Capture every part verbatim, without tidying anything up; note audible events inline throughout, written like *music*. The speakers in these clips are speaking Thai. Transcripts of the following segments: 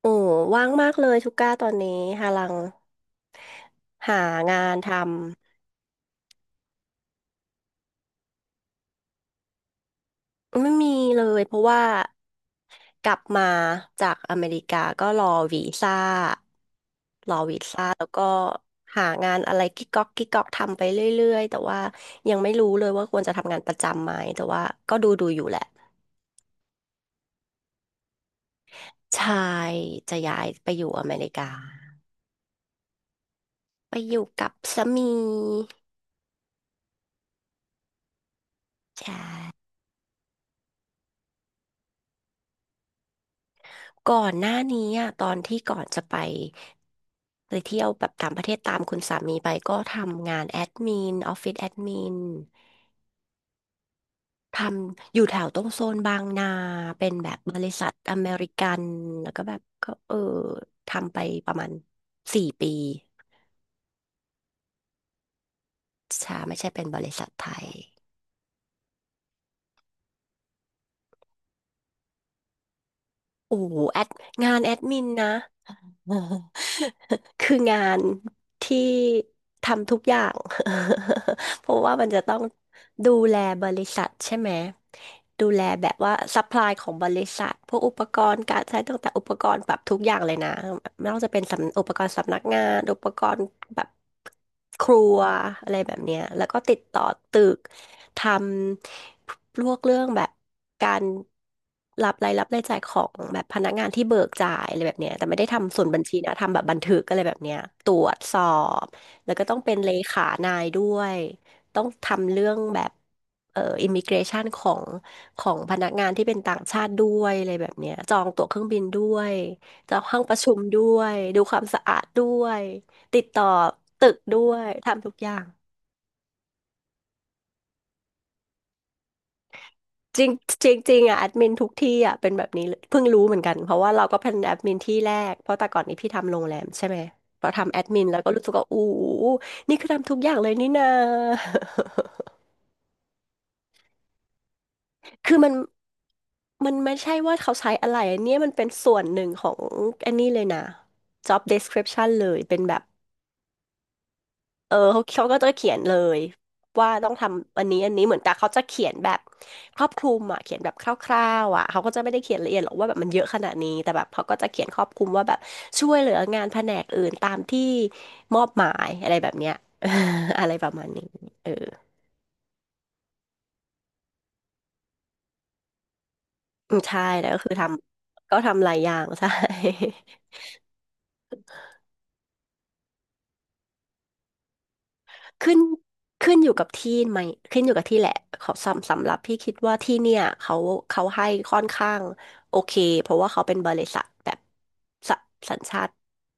โอ้ว่างมากเลยทุกก้าตอนนี้หาลังหางานทำไม่มีเลยเพราะว่ากลับมาจากอเมริกาก็รอวีซ่าแล้วก็หางานอะไรกิ๊กก๊อกกิ๊กก๊อกทำไปเรื่อยๆแต่ว่ายังไม่รู้เลยว่าควรจะทำงานประจำไหมแต่ว่าก็ดูดูอยู่แหละใช่จะย้ายไปอยู่อเมริกาไปอยู่กับสามีใช่ ก่อนหน้านี้อะตอนที่ก่อนจะไปไปเที่ยวแบบต่างประเทศตามคุณสามีไปก็ทำงานแอดมินออฟฟิศแอดมินทำอยู่แถวตรงโซนบางนาเป็นแบบบริษัทอเมริกันแล้วก็แบบก็เออทำไปประมาณสี่ปีชาไม่ใช่เป็นบริษัทไทยโอ้โหแอดงานแอดมินนะ *laughs* คืองานที่ทำทุกอย่าง *laughs* เพราะว่ามันจะต้องดูแลบริษัทใช่ไหมดูแลแบบว่าซัพพลายของบริษัทพวกอุปกรณ์การใช้ตั้งแต่อุปกรณ์แบบทุกอย่างเลยนะไม่ว่าจะเป็นสำอุปกรณ์สำนักงานอุปกรณ์แบบครัวอะไรแบบเนี้ยแล้วก็ติดต่อตึก ทำพวกเรื่องแบบการรับรายรับรายจ่ายของแบบพนักงานที่เบิกจ่ายอะไรแบบเนี้ยแต่ไม่ได้ทำส่วนบัญชีนะทำแบบบันทึกอะไรแบบเนี้ยตรวจสอบแล้วก็ต้องเป็นเลขานายด้วยต้องทำเรื่องแบบเอ่ออิมิเกรชันของของพนักงานที่เป็นต่างชาติด้วยอะไรแบบเนี้ยจองตั๋วเครื่องบินด้วยจองห้องประชุมด้วยดูความสะอาดด้วยติดต่อตึกด้วยทำทุกอย่าง จริงจริงจริงอ่ะแอดมินทุกที่อ่ะเป็นแบบนี้เลยเพิ่งรู้เหมือนกันเพราะว่าเราก็เป็นแอดมินที่แรกเพราะแต่ก่อนนี้พี่ทำโรงแรมใช่ไหมพอทำแอดมินแล้วก็รู้สึกว่าอู้นี่คือทำทุกอย่างเลยนี่นา *laughs* คือมันมันไม่ใช่ว่าเขาใช้อะไรอันเนี้ยมันเป็นส่วนหนึ่งของอันนี้เลยนะ job description เลยเป็นแบบ เออเขาเขาก็จะเขียนเลยว่าต้องทำอันนี้อันนี้เหมือนกับเขาจะเขียนแบบครอบคลุมอ่ะเขียนแบบคร่าวๆอ่ะเขาก็จะไม่ได้เขียนละเอียดหรอกว่าแบบมันเยอะขนาดนี้แต่แบบเขาก็จะเขียนครอบคลุมว่าแบบช่วยเหลืองานแผนกอื่นตามที่มอบหมายอะไรแบบเนี้ย *laughs* อะไรประมาณนี้เอออืมใช่แล้วก็คือทำก็ทำหลายอย่าง *laughs* ใช่ ขึ้นขึ้นอยู่กับที่ไหมขึ้นอยู่กับที่แหละเขาสำสำหรับพี่คิดว่าที่เนี่ยเขาเขาให้ค่อนข้างโอเคเพราะว่าเขาเป็นบริษัทแบบสสัญชาติ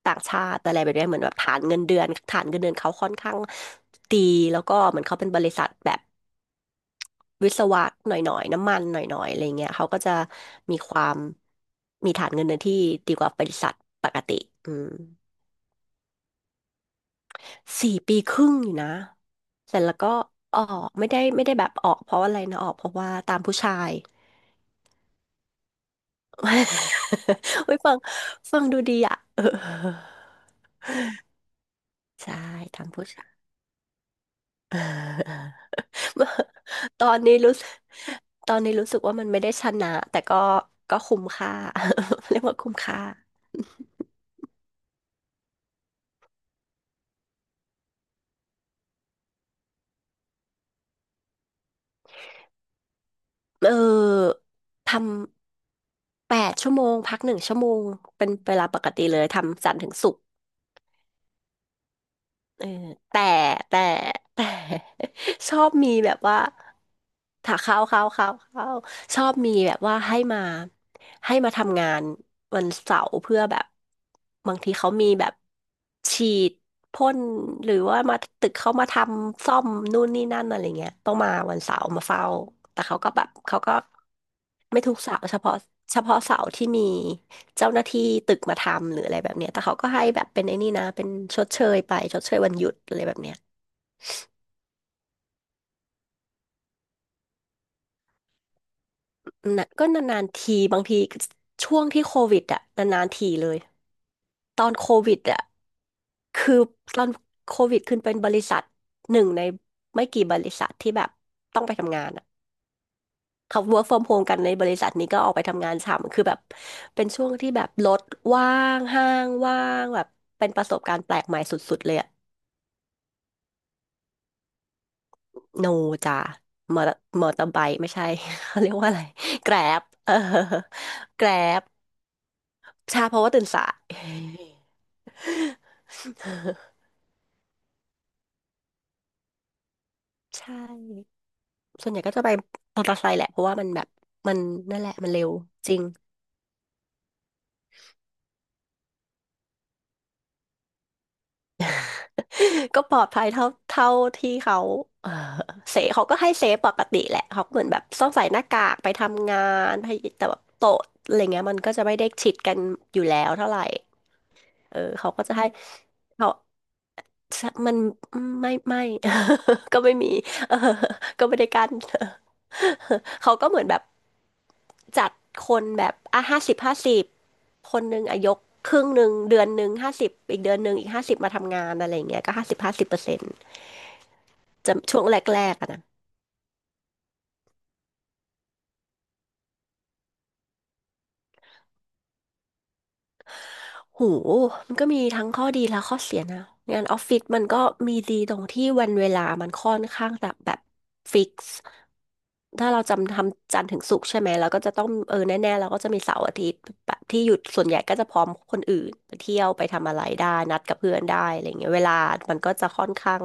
ต่างชาติอะไรแบบเนี้ยเหมือนแบบฐานเงินเดือนฐานเงินเดือนเขาค่อนข้างดีแล้วก็เหมือนเขาเป็นบริษัทแบบวิศวะหน่อยๆน้ำมันหน่อยๆอะไรเงี้ยเขาก็จะมีความมีฐานเงินเดือนที่ดีกว่าบริษัทปกติอืม สี่ปีครึ่งอยู่นะเสร็จแล้วก็ออกไม่ได้ไม่ได้แบบออกเพราะอะไรนะออกเพราะว่าตามผู้ชาย *laughs* ไว้ยฟังฟังดูดีอ่ะ *laughs* เออใช่ตามผู้ชาย *laughs* ตอนนี้รู้สึกตอนนี้รู้สึกว่ามันไม่ได้ชนะแต่ก็ก็คุ้มค่า *laughs* เรียกว่าคุ้มค่าเออทำแปดชั่วโมงพักหนึ่งชั่วโมงเป็นเวลาปกติเลยทำจันทร์ถึงศุกร์ เออแต่แต่แต่ *laughs* ชอบมีแบบว่า ถ้าเข้าเข้าเข้าเข้าชอบมีแบบว่าให้มาให้มาทำงานวันเสาร์เพื่อแบบบางทีเขามีแบบฉีดพ่นหรือว่ามาตึกเขามาทำซ่อมนู่นนี่นั่นอะไรเงี้ยต้องมาวันเสาร์มาเฝ้าแต่เขาก็แบบเขาก็ไม่ทุกเสาร์เฉพาะเฉพาะเสาร์ที่มีเจ้าหน้าที่ตึกมาทำหรืออะไรแบบเนี้ยแต่เขาก็ให้แบบเป็นไอ้นี่นะเป็นชดเชยไปชดเชยวันหยุดอะไรแบบเนี้ย นะก็นานๆทีบางทีช่วงที่โควิดอะนานๆทีเลยตอนโควิดอะคือตอนโควิดขึ้นเป็นบริษัทหนึ่งในไม่กี่บริษัทที่แบบต้องไปทำงานอะเขา work from home กันในบริษัทนี้ก็ออกไปทำงานฉ่ำคือแบบเป็นช่วงที่แบบรถว่างห้างว่างแบบเป็นประสบการณ์แปลกใหม่สุดๆเลยอะโนจ้ามอเตอร์มอเตอร์ไบค์ไม่ใช่ *laughs* เขาเรียกว่าอะไรแกร็บเออแกร็บใช่เพราะว่าตื่นสาย *laughs* ใช่ ส่วนใหญ่ก็จะไปมอเตอร์ไซค์แหละเพราะว่ามันแบบมันนั่นแหละมันเร็วจริง *laughs* ก็ปลอดภัยเท่าเท่าที่เขาเออเซฟเขาก็ให้เซฟปกติแหละเขาก็เหมือนแบบต้องใส่หน้ากากไปทำงานไปแต่แบบโต๊ะอะไรเงี้ยมันก็จะไม่ได้ชิดกันอยู่แล้วเท่าไหร่เออเขาก็จะให้เขา สะมันไม่ไม่ *laughs* ก็ไม่มี *laughs* เออก็ไม่ได้กั้น *laughs* เขาก็เหมือนแบบจัดคนแบบอ่ะห้าสิบห้าสิบคนหนึ่งอายกครึ่งหนึ่งเดือนหนึ่งห้าสิบอีกเดือนหนึ่งอีกห้าสิบมาทำงานอะไรอย่างเงี้ยก็ห้าสิบห้าสิบเปอร์เซ็นต์จะช่วงแรกๆอะนะ หูมันก็มีทั้งข้อดีและข้อเสียนะงานออฟฟิศมันก็มีดีตรงที่วันเวลามันค่อนข้างแบบแบบฟิกซ์ถ้าเราจำทำจันทร์ถึงศุกร์ใช่ไหมเราก็จะต้องเออแน่ๆเราก็จะมีเสาร์อาทิตย์แบบที่หยุดส่วนใหญ่ก็จะพร้อมคนอื่นไปเที่ยวไปทำอะไรได้นัดกับเพื่อนได้อะไรเงี้ยเวลามันก็จะค่อนข้าง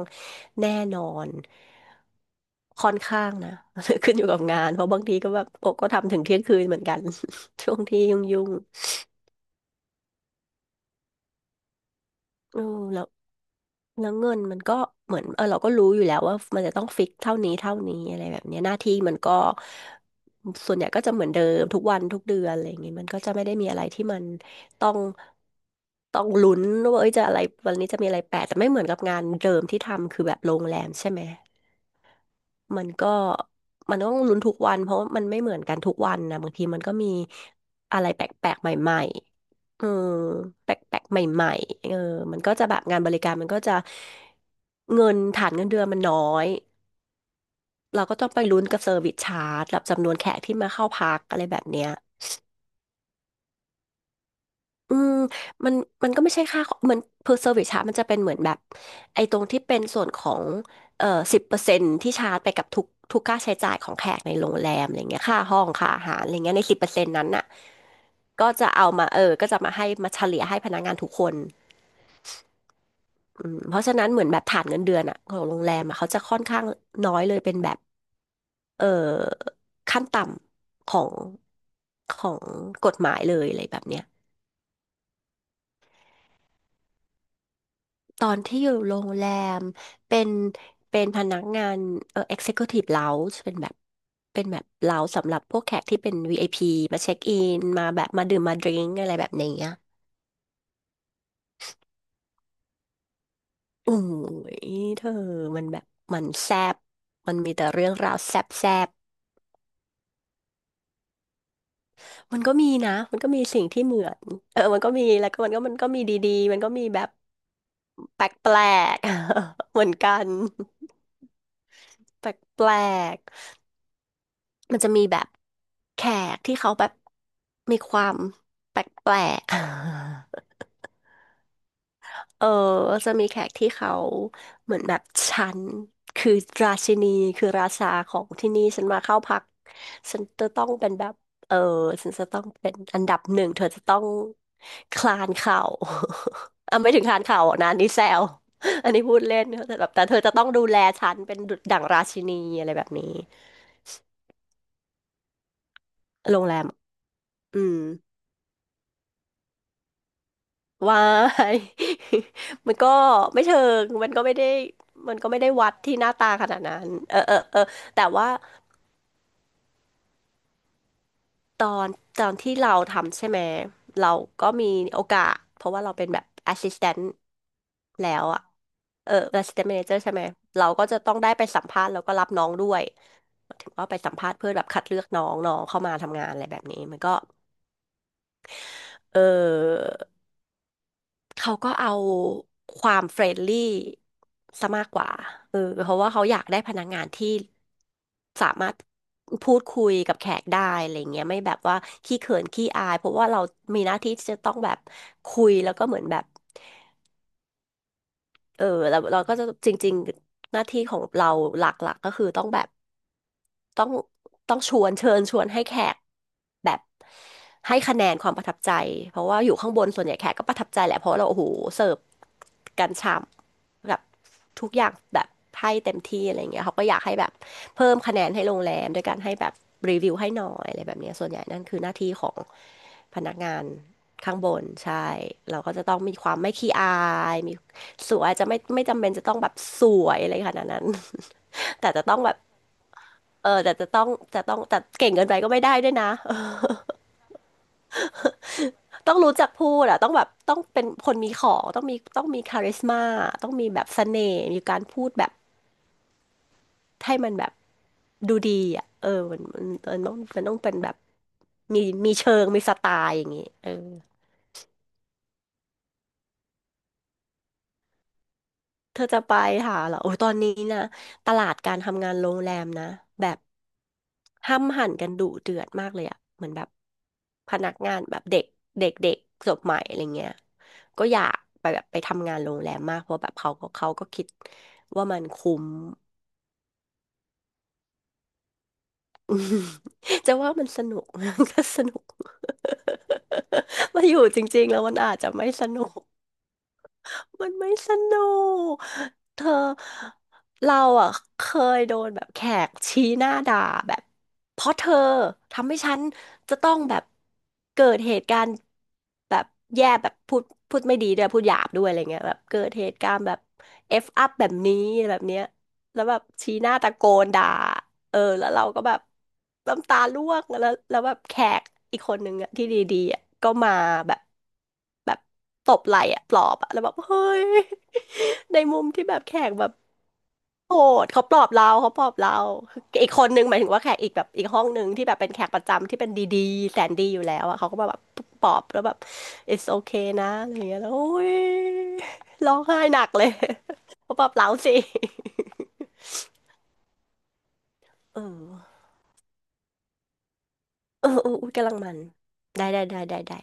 แน่นอนค่อนข้างนะ *laughs* ขึ้นอยู่กับงานเพราะบางทีก็แบบโอ้ก็ทำถึงเที่ยงคืนเหมือนกัน *laughs* ช่วงที่ยุ่งๆเออแล้ว แล้วเงินมันก็เหมือนเออเราก็รู้อยู่แล้วว่ามันจะต้องฟิกเท่านี้เท่านี้อะไรแบบเนี้ยหน้าที่มันก็ส่วนใหญ่ก็จะเหมือนเดิมทุกวันทุกเดือนอะไรอย่างเงี้ยมันก็จะไม่ได้มีอะไรที่มันต้องต้องลุ้นว่าเอ้ยจะอะไรวันนี้จะมีอะไรแปลกแต่ไม่เหมือนกับงานเดิมที่ทำคือแบบโรงแรมใช่ไหม มันก็มันต้องลุ้นทุกวันเพราะมันไม่เหมือนกันทุกวันนะบางทีมันก็มีอะไรแปลกๆใหม่ๆเออแปลกๆใหม่ๆเออมันก็จะแบบงานบริการมันก็จะเงินฐานเงินเดือนมันน้อยเราก็ต้องไปลุ้นกับเซอร์วิสชาร์จกับจำนวนแขกที่มาเข้าพักอะไรแบบเนี้ย อืมมันมันก็ไม่ใช่ค่าเหมือน per service ชาร์จมันจะเป็นเหมือนแบบไอ้ตรงที่เป็นส่วนของเอ่อสิบเปอร์เซ็นต์ที่ชาร์จไปกับทุกทุกค่าใช้จ่ายของแขกในโรงแรมอะไรเงี้ยค่าห้องค่าอาหารอะไรเงี้ยในสิบเปอร์เซ็นต์นั้นน่ะก็จะเอามาเออก็จะมาให้มาเฉลี่ยให้พนักงานทุกคนอืมเพราะฉะนั้นเหมือนแบบฐานเงินเดือนอ่ะของโรงแรมอ่ะเขาจะค่อนข้างน้อยเลยเป็นแบบเอ่อขั้นต่ำของของกฎหมายเลยอะไรแบบเนี้ย ตอนที่อยู่โรงแรมเป็นเป็นพนักงานเอ่อ Executive Lounge เป็นแบบเป็นแบบเลาสำหรับพวกแขกที่เป็น วี ไอ พี มาเช็คอินมาแบบมาดื่มมาดริงอะไรแบบนี้อะโอ้ยเธอมันแบบมันแซบมันมีแต่เรื่องราวแซบแซบมันก็มีนะมันก็มีสิ่งที่เหมือนเออมันก็มีแล้วก็มันก็มันก็มีดีๆมันก็มีแบบแปลกๆ *laughs* เหมือนกันแปลกๆมันจะมีแบบ แขกที่เขาแบบมีความแปลกๆ *laughs* เออจะมีแขกที่เขาเหมือนแบบฉันคือราชินีคือราชาของที่นี่ฉันมาเข้าพักฉันจะต้องเป็นแบบเออฉันจะต้องเป็นอันดับหนึ่งเธอจะต้องคลานเข่า *laughs* อ่ะไม่ถึงคลานเข่าอ่นะอันนี่แซว *laughs* อันนี้พูดเล่นแต่แบบแต่เธอจะต้องดูแลฉันเป็นดุจดั่งราชินีอะไรแบบนี้โรงแรมอืม วาย *laughs* มันก็ไม่เชิงมันก็ไม่ได้มันก็ไม่ได้วัดที่หน้าตาขนาดนั้นเออเออเออแต่ว่าตอนตอนที่เราทำใช่ไหมเราก็มีโอกาสเพราะว่าเราเป็นแบบ assistant แล้วอะเออ assistant manager ใช่ไหมเราก็จะต้องได้ไปสัมภาษณ์แล้วก็รับน้องด้วยหมายถึงว่าไปสัมภาษณ์เพื่อแบบคัดเลือกน้องน้องเข้ามาทำงานอะไรแบบนี้มันก็เออ เขาก็เอาความเฟรนลี่ซะมากกว่าเออเพราะว่าเขาอยากได้พนักงานที่สามารถพูดคุยกับแขกได้อะไรเงี้ยไม่แบบว่าขี้เขินขี้อายเพราะว่าเรามีหน้าที่ที่จะต้องแบบคุยแล้วก็เหมือนแบบเออเราเราก็จะจริงๆหน้าที่ของเราหลักๆก็คือต้องแบบ ต้องต้องชวนเชิญชวนให้แขกแบบให้คะแนนความประทับใจเพราะว่าอยู่ข้างบนส่วนใหญ่แขกก็ประทับใจแหละเพราะเราโอ้โหเสิร์ฟกันฉ่ำแบบทุกอย่างแบบให้เต็มที่อะไรเงี้ยเขาก็อยากให้แบบเพิ่มคะแนนให้โรงแรมด้วยการให้แบบรีวิวให้หน่อยอะไรแบบเนี้ยส่วนใหญ่นั่นคือหน้าที่ของพนักงานข้างบนใช่เราก็จะต้องมีความไม่ขี้อายมีสวยจะไม่ไม่จำเป็นจะต้องแบบสวยอะไรขนาดนั้น *laughs* แต่จะต้องแบบ เออแต่จะต้องจะต้องแต่เก่งเกินไปก็ไม่ได้ด้วยนะ *laughs* ต้องรู้จักพูดอะต้องแบบต้องเป็นคนมีของต้องมีต้องมีคาริสมาต้องมีแบบเสน่ห์มีการพูดแบบให้มันแบบดูดีอะเออมันมันมันต้องมันต้องเป็นแบบมีมีเชิงมีสไตล์อย่างงี้เออ เธอจะไปหาเหรอโอ้ยตอนนี้นะตลาดการทำงานโรงแรมนะแบบห้ำหั่นกันดุเดือดมากเลยอะเหมือนแบบพนักงานแบบเด็กเด็กเด็กจบใหม่อะไรเงี้ยก็อยากไปแบบไปทำงานโรงแรมมากเพราะแบบเขาก็เขาก็คิดว่ามันคุ้ม *laughs* จะว่ามันสนุก *laughs* ก็สนุก *laughs* มาอยู่จริงๆแล้วมันอาจจะไม่สนุก มันไม่สนุกเธอเราอ่ะเคยโดนแบบแขกชี้หน้าด่าแบบเพราะเธอทำให้ฉันจะต้องแบบเกิดเหตุการณ์แบบแย่แบบพูดพูดไม่ดีด้วยพูดหยาบด้วยอะไรเงี้ยแบบเกิดเหตุการณ์แบบ F up แบบนี้แบบเนี้ยแล้วแบบชี้หน้าตะโกนด่า เออแล้วเราก็แบบน้ำตาร่วงแล้วแล้วแบบแขกอีกคนนึงอะที่ดีๆอะก็มาแบบแบบตบไหล่อะปลอบอะแล้วแบบเฮ้ย *laughs* ในมุมที่แบบแขกแบบโหดเขาปลอบเราเขาปลอบเราอีกคนนึงหมายถึงว่าแขกอีกแบบอีกห้องนึงที่แบบเป็นแขกประจำที่เป็นดีๆแสนดีอยู่แล้วอะเขาก็มาแบบปลอบแล้วแบบ it's okay นะอะไรอย่างเงี้ยแล้วโอ้ยร้องไห้หนักเลย *laughs* เขาปลอบเราสิเออเออเอออุ๊ยกำลังมันได้ได้ได้ได้ได้